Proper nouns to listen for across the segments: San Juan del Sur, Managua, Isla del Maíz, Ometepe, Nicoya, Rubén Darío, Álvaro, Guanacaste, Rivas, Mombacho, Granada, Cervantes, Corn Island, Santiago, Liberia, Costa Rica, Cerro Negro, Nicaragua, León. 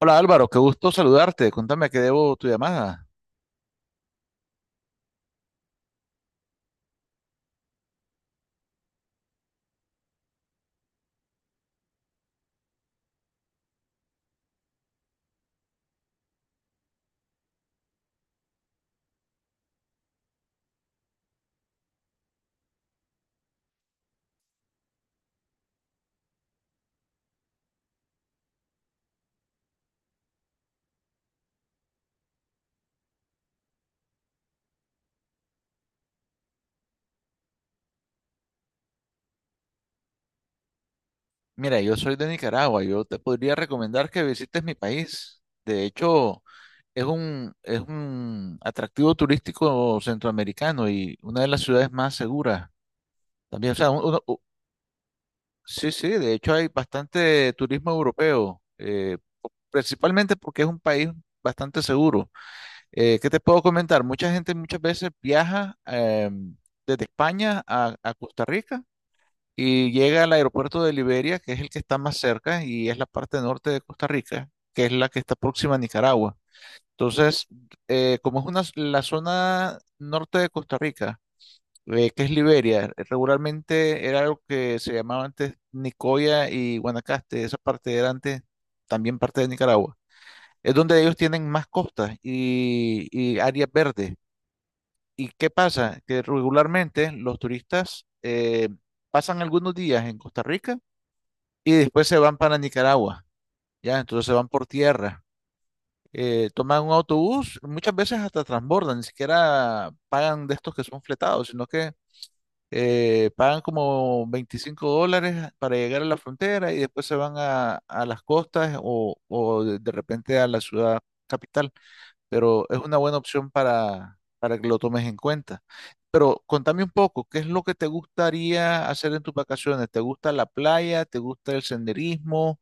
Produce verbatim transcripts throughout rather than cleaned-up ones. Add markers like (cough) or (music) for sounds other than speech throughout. Hola Álvaro, qué gusto saludarte. Cuéntame a qué debo tu llamada. Mira, yo soy de Nicaragua. Yo te podría recomendar que visites mi país. De hecho, es un, es un atractivo turístico centroamericano y una de las ciudades más seguras. También, o sea, un- uno- u- sí, sí, de hecho hay bastante turismo europeo, eh, principalmente porque es un país bastante seguro. Eh, ¿qué te puedo comentar? Mucha gente muchas veces viaja em, desde España a a Costa Rica y llega al aeropuerto de Liberia, que es el que está más cerca y es la parte norte de Costa Rica, que es la que está próxima a Nicaragua. Entonces, eh, como es una, s- la zona norte de Costa Rica, eh, que es Liberia, regularmente era algo que se llamaba antes Nicoya y Guanacaste, esa parte era antes también parte de Nicaragua. Es donde ellos tienen más costas y, y áreas verdes. ¿Y qué pasa? Que regularmente los turistas eh, pasan algunos días en Costa Rica y después se van para Nicaragua, ¿ya? Entonces se van por tierra, eh, toman un autobús, muchas veces hasta transbordan, ni siquiera pagan de estos que son fletados, sino que eh, pagan como veinticinco dólares para llegar a la frontera y después se van a, a las costas o, o de, de repente a la ciudad capital, pero es una buena opción para, para que lo tomes en cuenta. Pero contame un poco, ¿qué es lo que te gustaría hacer en tus vacaciones? ¿Te gusta la playa? ¿Te gusta el senderismo?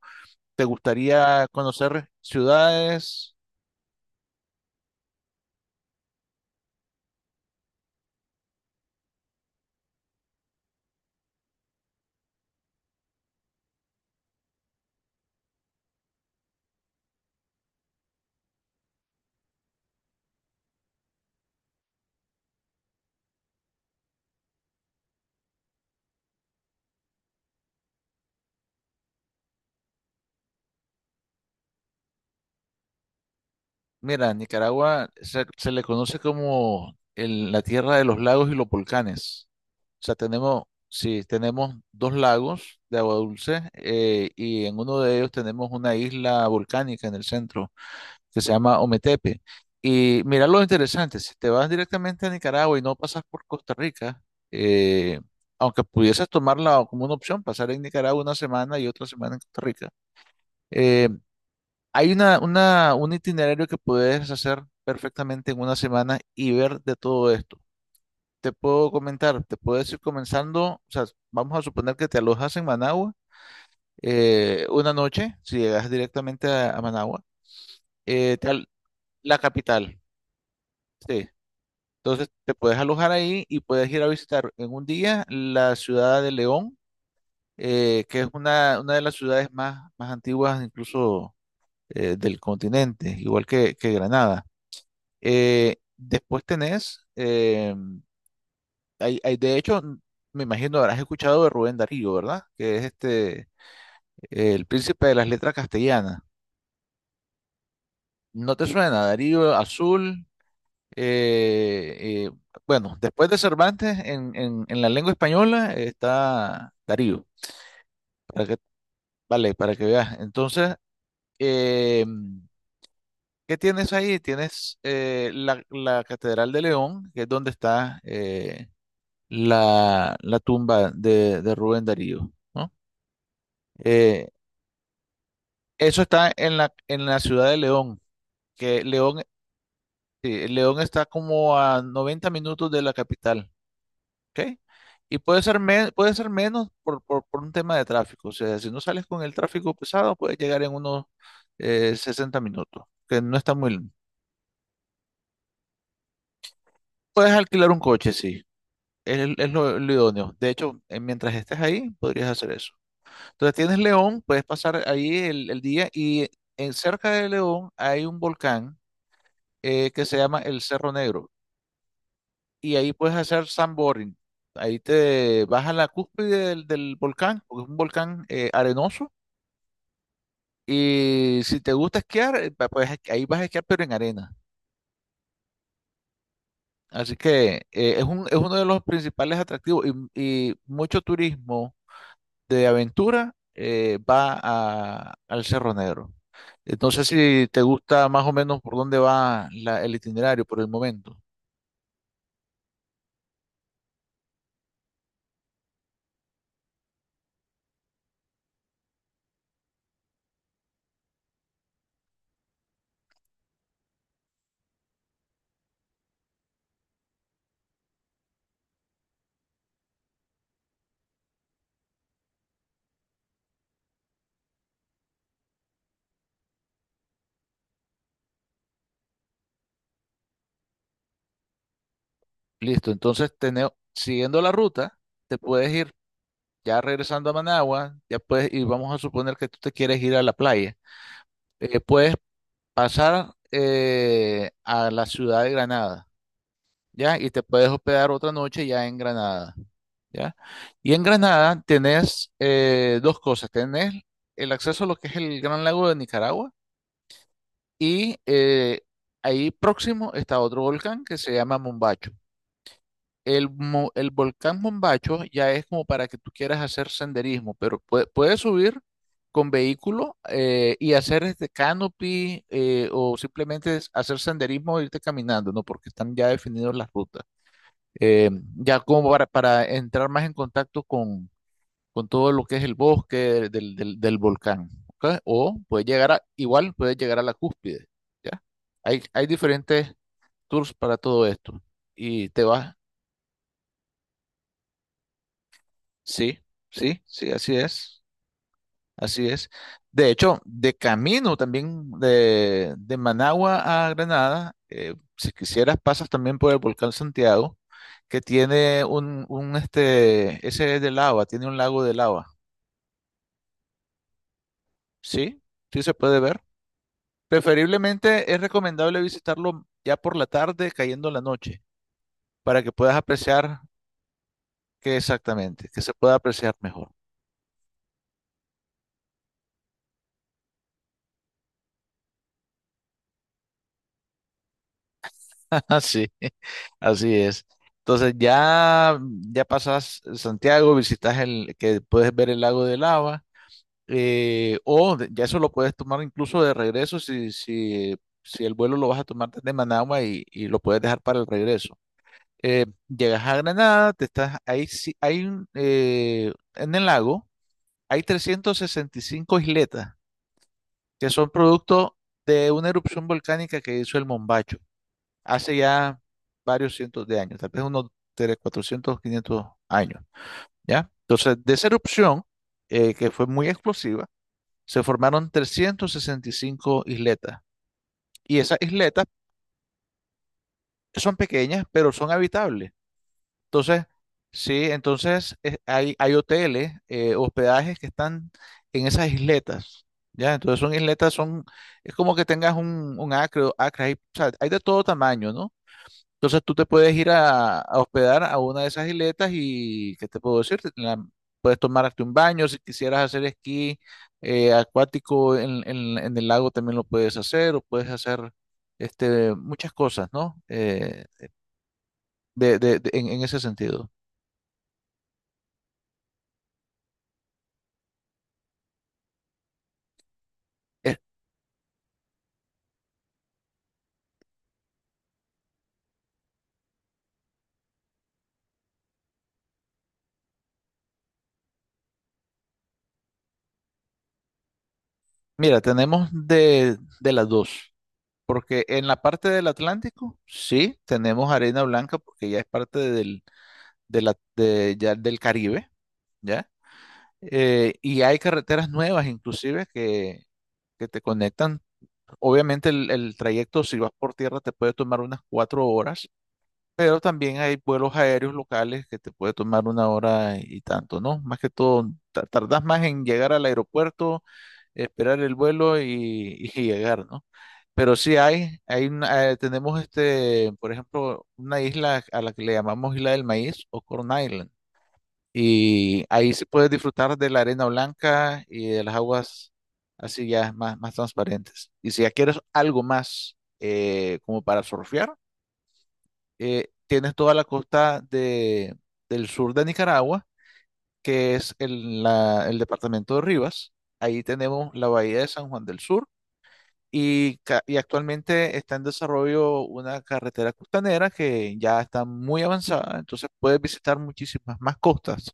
¿Te gustaría conocer ciudades? Mira, Nicaragua se, se le conoce como el- la tierra de los lagos y los volcanes. O sea, tenemos, sí, tenemos dos lagos de agua dulce eh, y en uno de ellos tenemos una isla volcánica en el centro que se llama Ometepe. Y mira lo interesante, si te vas directamente a Nicaragua y no pasas por Costa Rica, eh, aunque pudieses tomarla como una opción, pasar en Nicaragua una semana y otra semana en Costa Rica. Eh, Hay una, una, un itinerario que puedes hacer perfectamente en una semana y ver de todo esto. Te puedo comentar, te puedes ir comenzando, o sea, vamos a suponer que te alojas en Managua eh, una noche, si llegas directamente a, a Managua, eh, te al- la capital, sí. Entonces te puedes alojar ahí y puedes ir a visitar en un día la ciudad de León, eh, que es una, una de las ciudades más, más antiguas incluso eh, del continente, igual que que Granada. Eh, después tenés, eh, hay, hay- De hecho, n- me imagino habrás escuchado de Rubén Darío, ¿verdad? Que es este, eh, el príncipe de las letras castellanas. ¿No te suena? Darío Azul. eh, eh, bueno, después de Cervantes, en, en- en la lengua española eh, está Darío. Para que, vale, para que veas. Entonces, eh, ¿qué tienes ahí? Tienes eh, la, la Catedral de León, que es donde está. Eh, la, la tumba de, de Rubén Darío, ¿no? Eh, Eso está en la, en la ciudad de León, que León, sí, León está como a noventa minutos de la capital, ¿ok? Y puede ser, me- puede ser menos por, por, por un tema de tráfico. O sea, si no sales con el tráfico pesado, puedes llegar en unos eh, sesenta minutos, que no está muy lejos. Puedes alquilar un coche, sí. Es, es lo, lo idóneo. De hecho, eh, mientras estés ahí, podrías hacer eso. Entonces tienes León, puedes pasar ahí el, el día y en, cerca de León hay un volcán eh, que se llama el Cerro Negro y ahí puedes hacer sandboarding. Ahí te vas a la cúspide del, del volcán, porque es un volcán eh, arenoso y si te gusta esquiar, eh, pa- pues ahí vas a esquiar pero en arena. Así que eh, es un- es uno de los principales atractivos y, y mucho turismo de aventura eh, va a- al Cerro Negro. Entonces, si te gusta más o menos por dónde va la- el itinerario por el momento. Listo, entonces tene- siguiendo la ruta, te puedes ir ya regresando a Managua, ya puedes, y vamos a suponer que tú te quieres ir a la playa. Eh, puedes pasar eh, a la ciudad de Granada, ¿ya? Y te puedes hospedar otra noche ya en Granada, ¿ya? Y en Granada tenés eh, dos cosas, tenés el acceso a lo que es el Gran Lago de Nicaragua. Y eh, ahí próximo está otro volcán que se llama Mombacho. El, mo- el volcán Mombacho ya es como para que tú quieras hacer senderismo, pero pue- puedes subir con vehículo eh, y hacer este canopy eh, o simplemente es hacer senderismo o irte caminando, ¿no? Porque están ya definidos las rutas. Eh, ya como para, para entrar más en contacto con todo lo que es el bosque del, del- del- del volcán, ¿ok? O puedes llegar a, igual puedes llegar a la cúspide, ¿ya? Hay, hay diferentes tours para todo esto. Y te vas, sí, sí, sí, así es, así es. De hecho, de camino también de, de Managua a Granada, eh, si quisieras, pasas también por el volcán Santiago, que tiene un, un este, ese es de lava, tiene un lago de lava, ¿sí? Sí se puede ver. Preferiblemente es recomendable visitarlo ya por la tarde, cayendo la noche, para que puedas apreciar que exactamente, que se pueda apreciar mejor. (laughs) Así, así es. Entonces ya, ya pasas eh, Santiago, visitas el que puedes ver el lago de Lava, eh, o de- ya eso lo puedes tomar incluso de regreso si, si, si el vuelo lo vas a tomar desde Managua y, y lo puedes dejar para el regreso. Eh, llegas a Granada, te estás ahí, sí- hay un, eh, en el lago. Hay trescientas sesenta y cinco isletas que son producto de una erupción volcánica que hizo el Mombacho hace ya varios cientos de años, tal vez unos tres cuatrocientos quinientos años, ¿ya? Entonces, de esa erupción, eh, que fue muy explosiva, se formaron trescientas sesenta y cinco isletas. Y esas isletas son pequeñas, pero son habitables. Entonces, sí, entonces eh, hay, hay hoteles, eh, hospedajes que están en esas isletas, ¿ya? Entonces son isletas, son, es como que tengas un, un acre, o acre, hay, o sea, hay de todo tamaño, ¿no? Entonces tú te puedes ir a, a hospedar a una de esas isletas y, ¿qué te puedo decir? Te- la- puedes tomarte un baño, si quisieras hacer esquí eh, acuático en, en- en el lago también lo puedes hacer, o puedes hacer este, muchas cosas, ¿no? Eh, de, de- de- en en ese sentido. Mira, tenemos de, de las dos, porque en la parte del Atlántico, sí, tenemos arena blanca porque ya es parte del, de la- de- ya del Caribe, ¿ya? Eh, y hay carreteras nuevas inclusive que, que te conectan. Obviamente el, el trayecto, si vas por tierra, te puede tomar unas cuatro horas, pero también hay vuelos aéreos locales que te puede tomar una hora y tanto, ¿no? Más que todo, ta- tardas más en llegar al aeropuerto, esperar el vuelo y, y llegar, ¿no? Pero sí hay, hay una- eh, tenemos este, por ejemplo, una isla a la que le llamamos Isla del Maíz o Corn Island. Y ahí se puede disfrutar de la arena blanca y de las aguas así ya más, más transparentes. Y si ya quieres algo más eh, como para surfear, eh, tienes toda la costa de, del sur de Nicaragua, que es el, la- el departamento de Rivas. Ahí tenemos la bahía de San Juan del Sur y, ca- y actualmente está en desarrollo una carretera costanera que ya está muy avanzada, entonces puedes visitar muchísimas más costas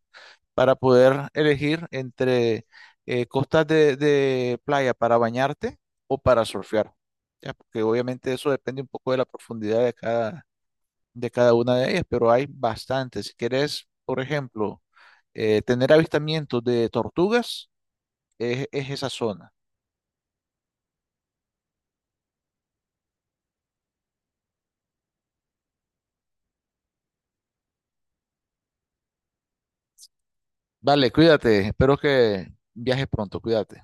para poder elegir entre eh, costas de, de playa para bañarte o para surfear, ¿ya? Porque obviamente eso depende un poco de la profundidad de cada, de cada una de ellas, pero hay bastantes. Si quieres, por ejemplo, eh, tener avistamientos de tortugas, es es esa zona. Dale, cuídate. Espero que viajes pronto. Cuídate.